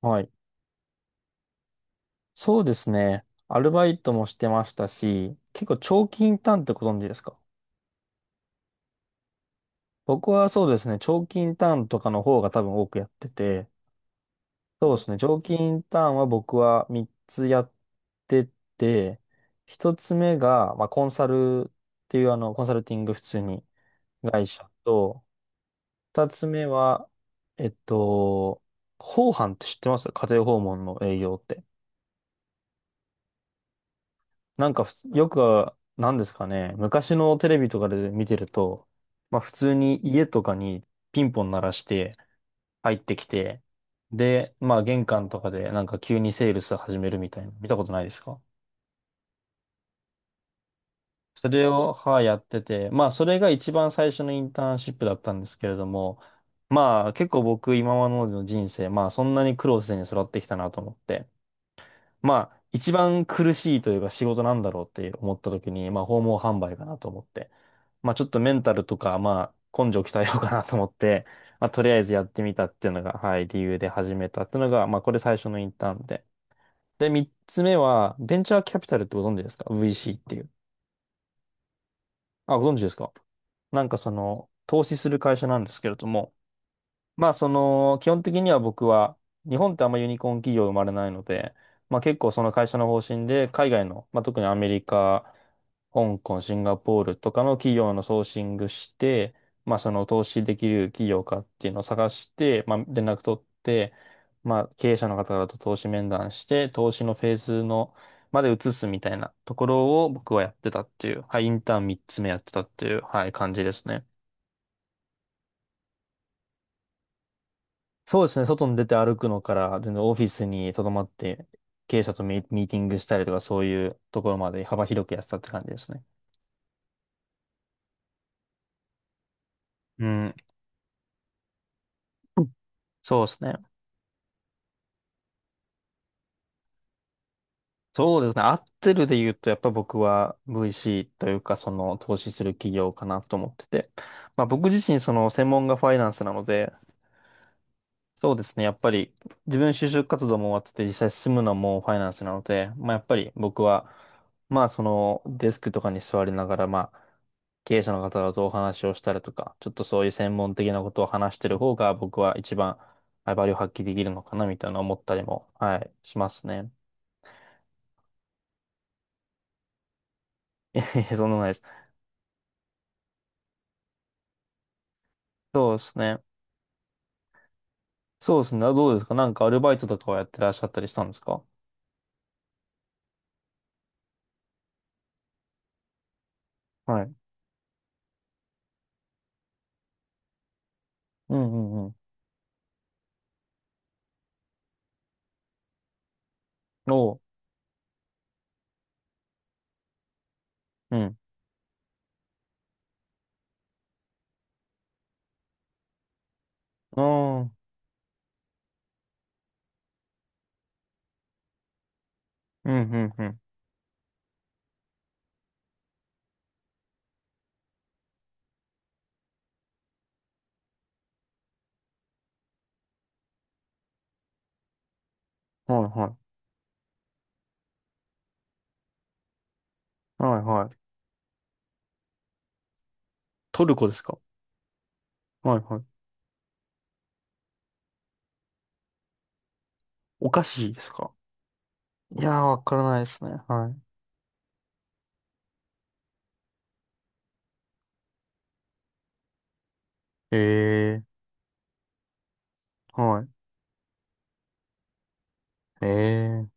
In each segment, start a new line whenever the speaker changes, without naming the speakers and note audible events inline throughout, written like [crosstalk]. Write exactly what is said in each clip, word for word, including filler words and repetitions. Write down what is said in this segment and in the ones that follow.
はい。そうですね。アルバイトもしてましたし、結構長期インターンってご存知ですか？僕はそうですね、長期インターンとかの方が多分多くやってて、そうですね、長期インターンは僕はみっつやってて、ひとつめが、まあ、コンサルっていうあの、コンサルティング普通に会社と、ふたつめは、えっと、訪販って知ってます？家庭訪問の営業って。なんかふつ、よく、なんですかね、昔のテレビとかで見てると、まあ普通に家とかにピンポン鳴らして入ってきて、で、まあ玄関とかでなんか急にセールス始めるみたいな、見たことないですか？それを、はい、やってて、まあそれが一番最初のインターンシップだったんですけれども、まあ結構僕今までの人生、まあそんなに苦労せずに育ってきたなと思って、まあ、一番苦しいというか仕事なんだろうって思った時に、まあ、訪問販売かなと思って。まあ、ちょっとメンタルとか、まあ、根性鍛えようかなと思って、まあ、とりあえずやってみたっていうのが、はい、理由で始めたっていうのが、まあ、これ最初のインターンで。で、三つ目は、ベンチャーキャピタルってご存知ですか？ ブイシー っていう。あ、ご存知ですか？なんかその、投資する会社なんですけれども、まあ、その、基本的には僕は、日本ってあんまユニコーン企業生まれないので、まあ結構その会社の方針で、海外の、まあ特にアメリカ、香港、シンガポールとかの企業のソーシングして、まあその投資できる企業かっていうのを探して、まあ連絡取って、まあ経営者の方々と投資面談して、投資のフェーズの、まで移すみたいなところを僕はやってたっていう、はい、インターンみっつめやってたっていう、はい、感じですね。そうですね、外に出て歩くのから、全然オフィスに留まって、経営者とミミーティングしたりとか、そういうところまで幅広くやってたって感じですね。うん。うん、そうですね。そうですね。合ってるで言うと、やっぱ僕は ブイシー というか、その投資する企業かなと思ってて。まあ僕自身、その専門がファイナンスなので、そうですね。やっぱり自分就職活動も終わってて実際進むのもファイナンスなので、まあやっぱり僕は、まあそのデスクとかに座りながら、まあ経営者の方とお話をしたりとか、ちょっとそういう専門的なことを話してる方が僕は一番、はい、バリューを発揮できるのかなみたいな思ったりも、はい、しますね。いやいやそんなことないです。そうですね。そうですね。あ、どうですか？なんかアルバイトとかはやってらっしゃったりしたんですか？はい。うんうんうん。おう。うん。ああ。うんうんうん。はいはい。はいはい。トルコですか？はいはい。お菓子ですか？いやー、わからないですね。はい。ええー、はい。ええー、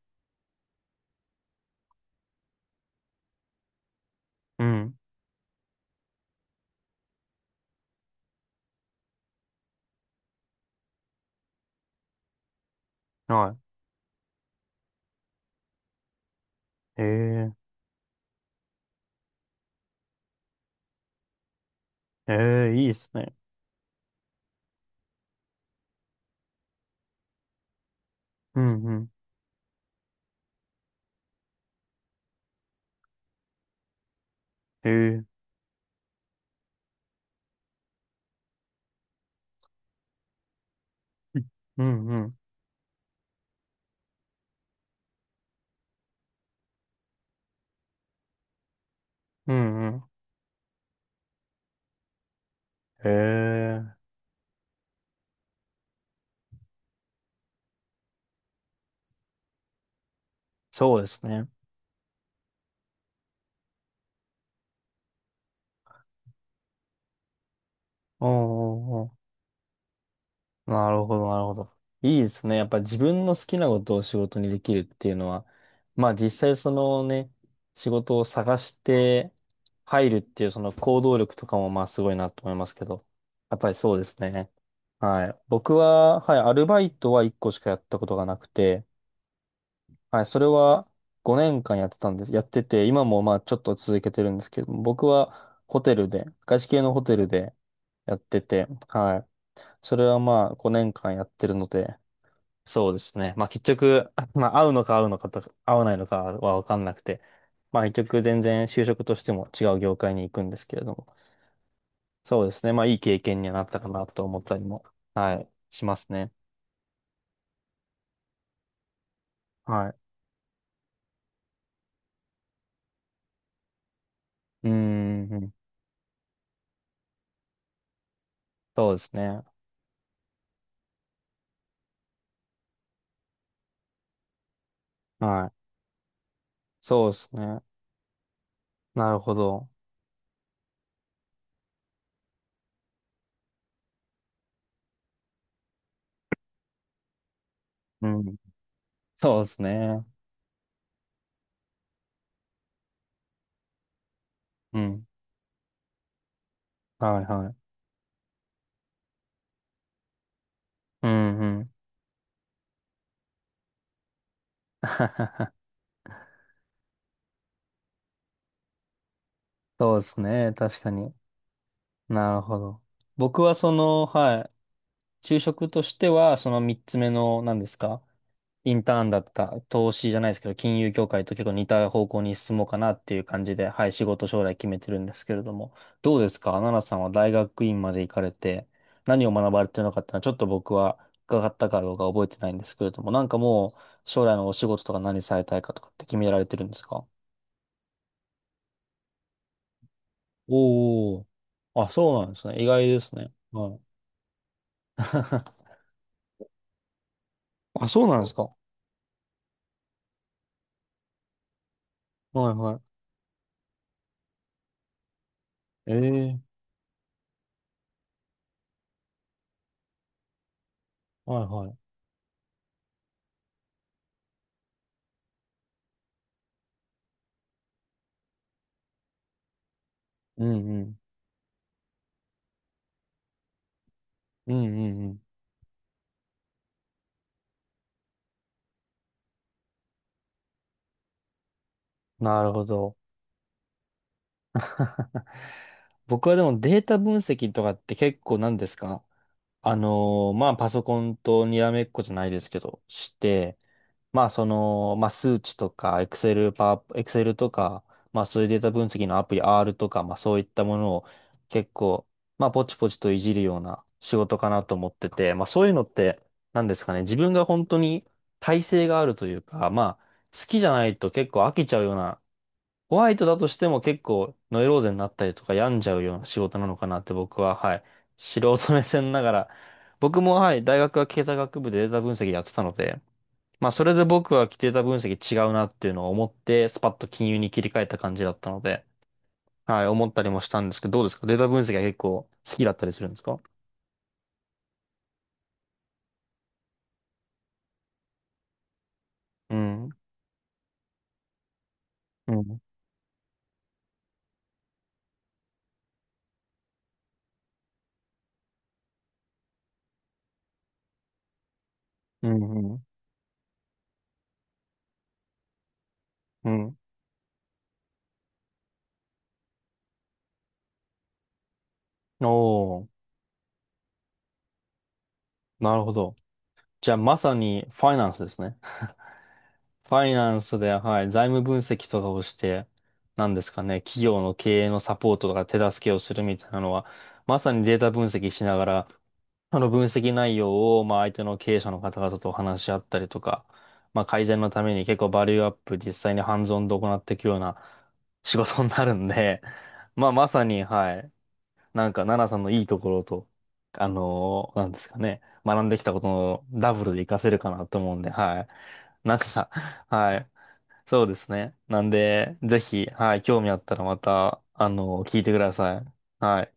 うん。はい。ええー、ええー、いいですね。うんうん。ええー、うんうん。うんうん。ええー、そうですね。おおーおー、なるほど、なるほど。いいですね。やっぱ自分の好きなことを仕事にできるっていうのは、まあ実際そのね、仕事を探して入るっていうその行動力とかもまあすごいなと思いますけど、やっぱりそうですね。はい。僕は、はい、アルバイトはいっこしかやったことがなくて、はい、それはごねんかんやってたんです。やってて、今もまあちょっと続けてるんですけど、僕はホテルで、外資系のホテルでやってて、はい。それはまあごねんかんやってるので、そうですね。まあ結局、[laughs] まあ合うのか合うのかと、合わないのかはわかんなくて、まあ結局全然就職としても違う業界に行くんですけれども、そうですね。まあいい経験にはなったかなと思ったりも、はい、しますね。はい。うーん、そうですね。はい。そうですね。なるほど。うん。そうですね。うん。はいはい。うんうん。[laughs] そうですね。確かに。なるほど。僕はその、はい。就職としては、その三つ目の、何ですか？インターンだった、投資じゃないですけど、金融業界と結構似た方向に進もうかなっていう感じで、はい、仕事将来決めてるんですけれども、どうですか？奈々さんは大学院まで行かれて、何を学ばれてるのかっていうのは、ちょっと僕は伺ったかどうか覚えてないんですけれども、なんかもう、将来のお仕事とか何されたいかとかって決められてるんですか？おー。あ、そうなんですね。意外ですね。はい。[laughs] あ、そうなんですか。はいはい。ええ、はいはい。うんうん。うんうんうん。なるほど。[laughs] 僕はでもデータ分析とかって結構何ですか？あのーまあパソコンとにらめっこじゃないですけど、して、まあその、まあ数値とか、Excel、パワー、Excel とか、まあそういうデータ分析のアプリ アール とか、まあそういったものを結構、まあポチポチといじるような仕事かなと思ってて、まあそういうのって何ですかね、自分が本当に耐性があるというか、まあ好きじゃないと結構飽きちゃうようなホワイトだとしても結構ノイローゼになったりとか病んじゃうような仕事なのかなって僕は、はい、素人目線ながら、[laughs] 僕も、はい、大学は経済学部でデータ分析やってたので、まあそれで僕はデータ分析違うなっていうのを思って、スパッと金融に切り替えた感じだったので、はい、思ったりもしたんですけど、どうですか？データ分析は結構好きだったりするんですか？うん、うん、うん、うん。うん、おー、なるほど。じゃあまさにファイナンスですね。ファイナンスで、はい、財務分析とかをして、なんですかね、企業の経営のサポートとか手助けをするみたいなのは、まさにデータ分析しながら、あの分析内容を、まあ相手の経営者の方々と話し合ったりとか、まあ改善のために結構バリューアップ実際にハンズオンで行っていくような [laughs] 仕事になるんで、まあまさに、はい、なんか奈々さんのいいところと、あのーなんですかね、学んできたことのダブルで活かせるかなと思うんで、はい。なんか、はい。そうですね。なんで、ぜひ、はい、興味あったらまた、あの、聞いてください。はい。